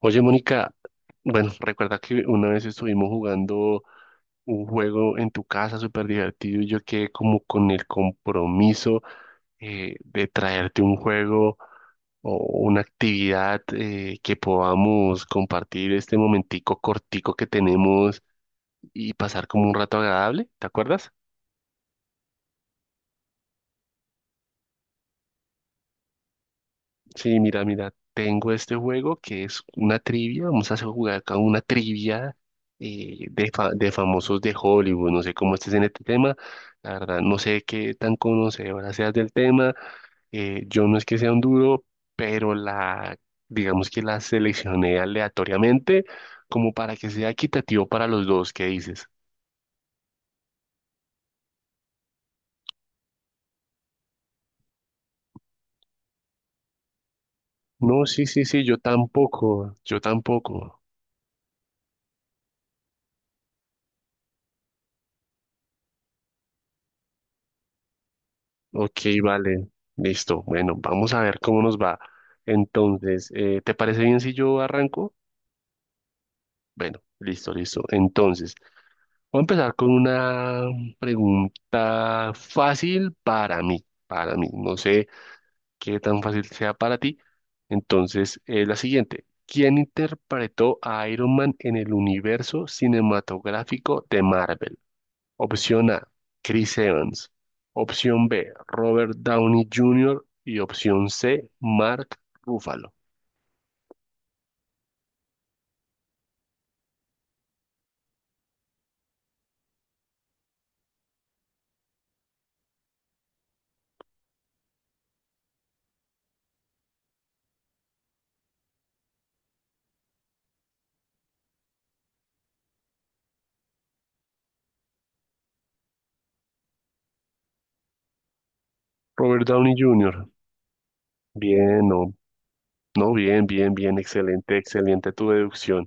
Oye, Mónica, bueno, recuerda que una vez estuvimos jugando un juego en tu casa súper divertido y yo quedé como con el compromiso de traerte un juego o una actividad que podamos compartir este momentico cortico que tenemos y pasar como un rato agradable, ¿te acuerdas? Sí, mira, tengo este juego que es una trivia, vamos a hacer jugar acá una trivia de famosos de Hollywood, no sé cómo estés en este tema, la verdad, no sé qué tan conocedora seas del tema, yo no es que sea un duro, pero digamos que la seleccioné aleatoriamente como para que sea equitativo para los dos, ¿qué dices? No, sí, sí, sí, yo tampoco. Ok, vale, listo. Bueno, vamos a ver cómo nos va. Entonces, ¿te parece bien si yo arranco? Bueno, listo, listo. Entonces, voy a empezar con una pregunta fácil para mí. No sé qué tan fácil sea para ti. Entonces, la siguiente. ¿Quién interpretó a Iron Man en el universo cinematográfico de Marvel? Opción A, Chris Evans. Opción B, Robert Downey Jr. Y opción C, Mark Ruffalo. Robert Downey Jr. Bien, no, no, bien, bien, bien, excelente, excelente tu deducción.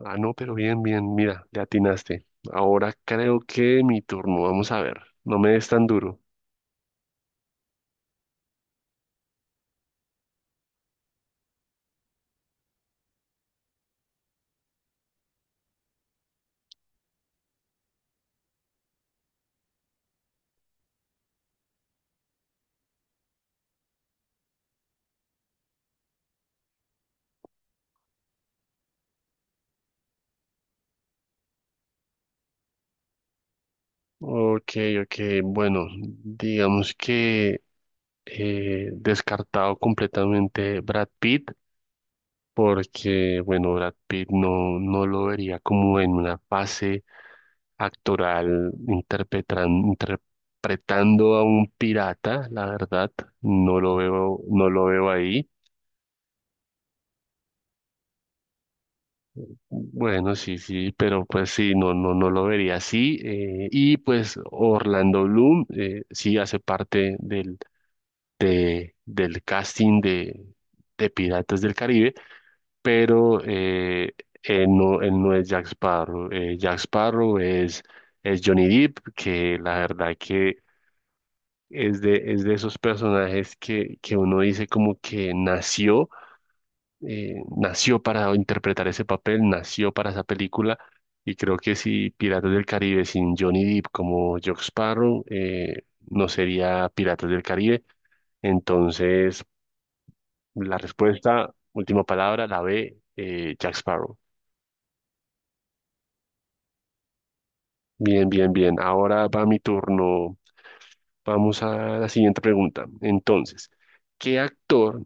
Ah, no, pero bien, bien, mira, le atinaste. Ahora creo que mi turno, vamos a ver, no me des tan duro. Ok, ok, bueno, digamos que descartado completamente Brad Pitt, porque, bueno, Brad Pitt no, no lo vería como en una fase actoral interpretando a un pirata, la verdad, no lo veo ahí. Bueno, sí, sí, pero pues sí, no, no, no lo vería así. Y pues Orlando Bloom sí hace parte del casting de Piratas del Caribe. Pero no, él no es Jack Sparrow. Jack Sparrow es Johnny Depp, que la verdad que es de esos personajes que uno dice como que nació, nació para interpretar ese papel, nació para esa película. Y creo que si Piratas del Caribe sin Johnny Depp como Jack Sparrow, no sería Piratas del Caribe. Entonces, la respuesta, última palabra, la B, Jack Sparrow. Bien, bien, bien. Ahora va mi turno. Vamos a la siguiente pregunta. Entonces, ¿qué actor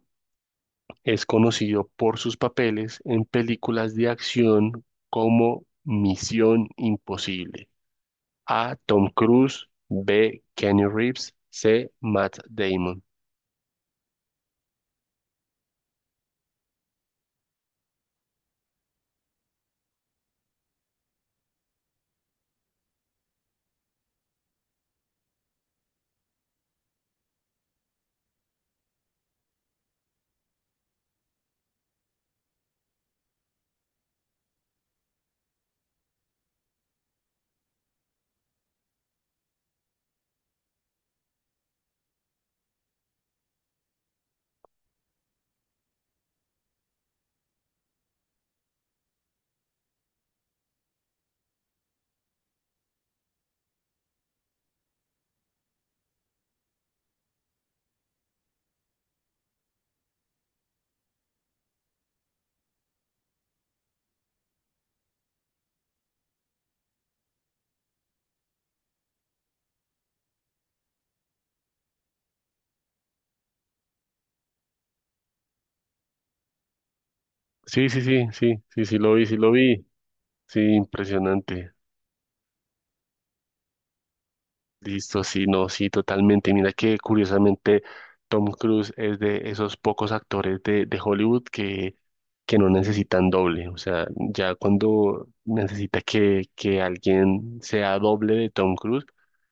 es conocido por sus papeles en películas de acción como Misión Imposible? A. Tom Cruise. B. Keanu Reeves. C. Matt Damon. Sí, sí, sí, sí, sí, sí lo vi, sí lo vi. Sí, impresionante. Listo, sí, no, sí, totalmente. Mira que curiosamente Tom Cruise es de esos pocos actores de Hollywood que no necesitan doble. O sea, ya cuando necesita que alguien sea doble de Tom Cruise,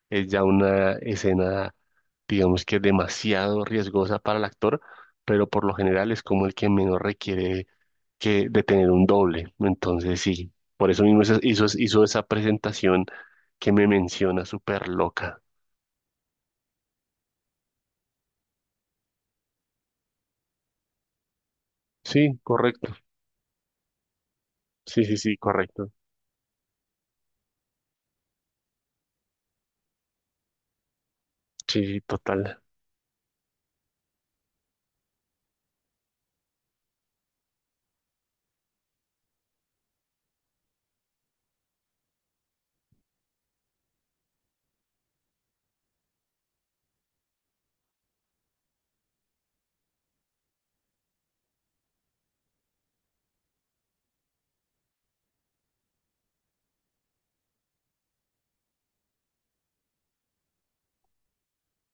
es ya una escena, digamos que demasiado riesgosa para el actor, pero por lo general es como el que menos requiere que, de tener un doble. Entonces, sí, por eso mismo hizo, hizo esa presentación que me menciona súper loca. Sí, correcto. Sí, sí, sí, correcto. Sí, sí, total.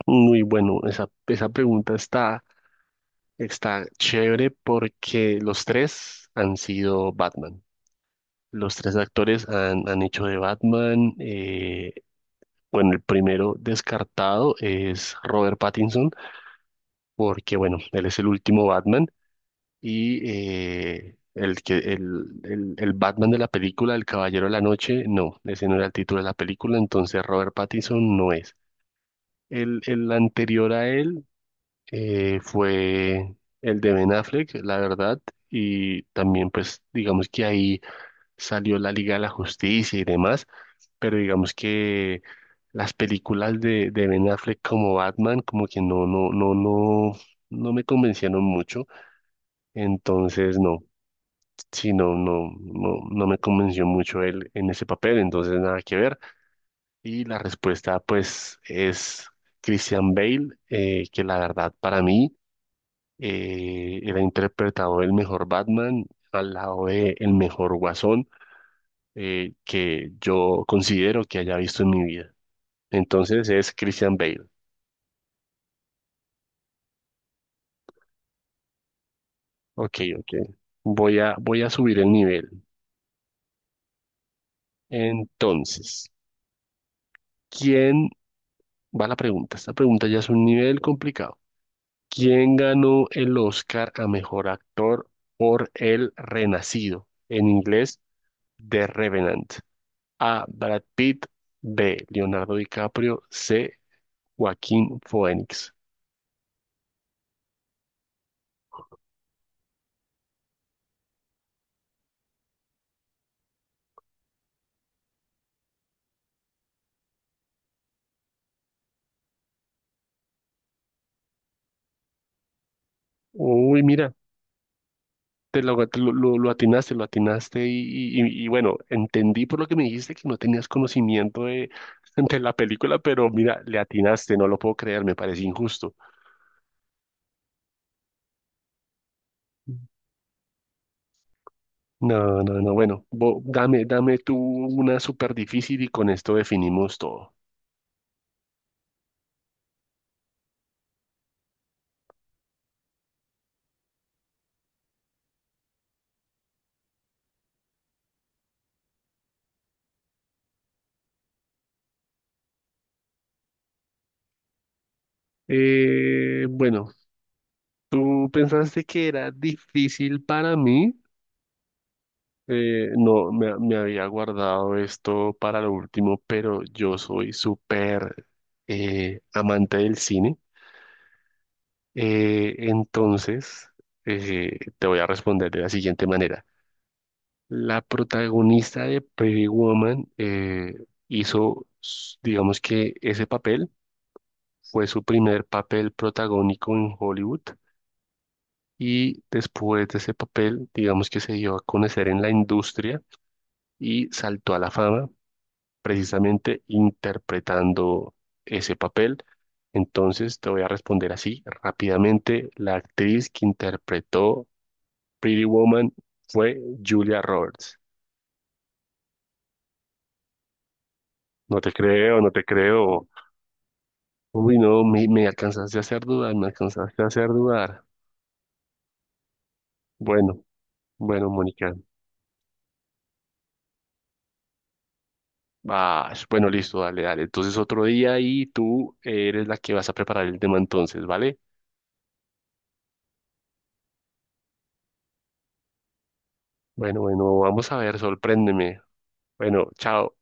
Muy bueno. Esa pregunta está, está chévere porque los tres han sido Batman. Los tres actores han, han hecho de Batman. Bueno, el primero descartado es Robert Pattinson porque, bueno, él es el último Batman y el Batman de la película, El Caballero de la Noche, no, ese no era el título de la película, entonces Robert Pattinson no es. El anterior a él fue el de Ben Affleck, la verdad, y también pues digamos que ahí salió la Liga de la Justicia y demás, pero digamos que las películas de Ben Affleck como Batman como que no, no, no, no, no me convencieron mucho, entonces no, sí, no, no, no, no me convenció mucho él en ese papel, entonces nada que ver. Y la respuesta, pues, es Christian Bale, que la verdad para mí él interpretado el mejor Batman al lado de el mejor Guasón que yo considero que haya visto en mi vida. Entonces es Christian Bale. Ok, ok. Voy a subir el nivel. Entonces, ¿quién va la pregunta? Esta pregunta ya es un nivel complicado. ¿Quién ganó el Oscar a mejor actor por El Renacido? En inglés, The Revenant. A. Brad Pitt. B. Leonardo DiCaprio. C. Joaquín Phoenix. Uy, mira, lo atinaste, lo atinaste. Y bueno, entendí por lo que me dijiste que no tenías conocimiento de, de la película, pero mira, le atinaste, no lo puedo creer, me parece injusto. No, no, no. Bueno, dame, dame tú una súper difícil y con esto definimos todo. Bueno, tú pensaste que era difícil para mí. No, me, Me había guardado esto para lo último, pero yo soy súper amante del cine. Entonces, te voy a responder de la siguiente manera. La protagonista de Pretty Woman digamos que ese papel fue su primer papel protagónico en Hollywood y después de ese papel, digamos que se dio a conocer en la industria y saltó a la fama precisamente interpretando ese papel. Entonces te voy a responder así rápidamente. La actriz que interpretó Pretty Woman fue Julia Roberts. No te creo. Uy, no, me alcanzaste a hacer dudar, me alcanzaste a hacer dudar. Bueno, bueno, Mónica, ah, bueno, listo, dale, dale. Entonces otro día y tú eres la que vas a preparar el tema entonces, ¿vale? Bueno, bueno, vamos a ver, sorpréndeme. Bueno, chao.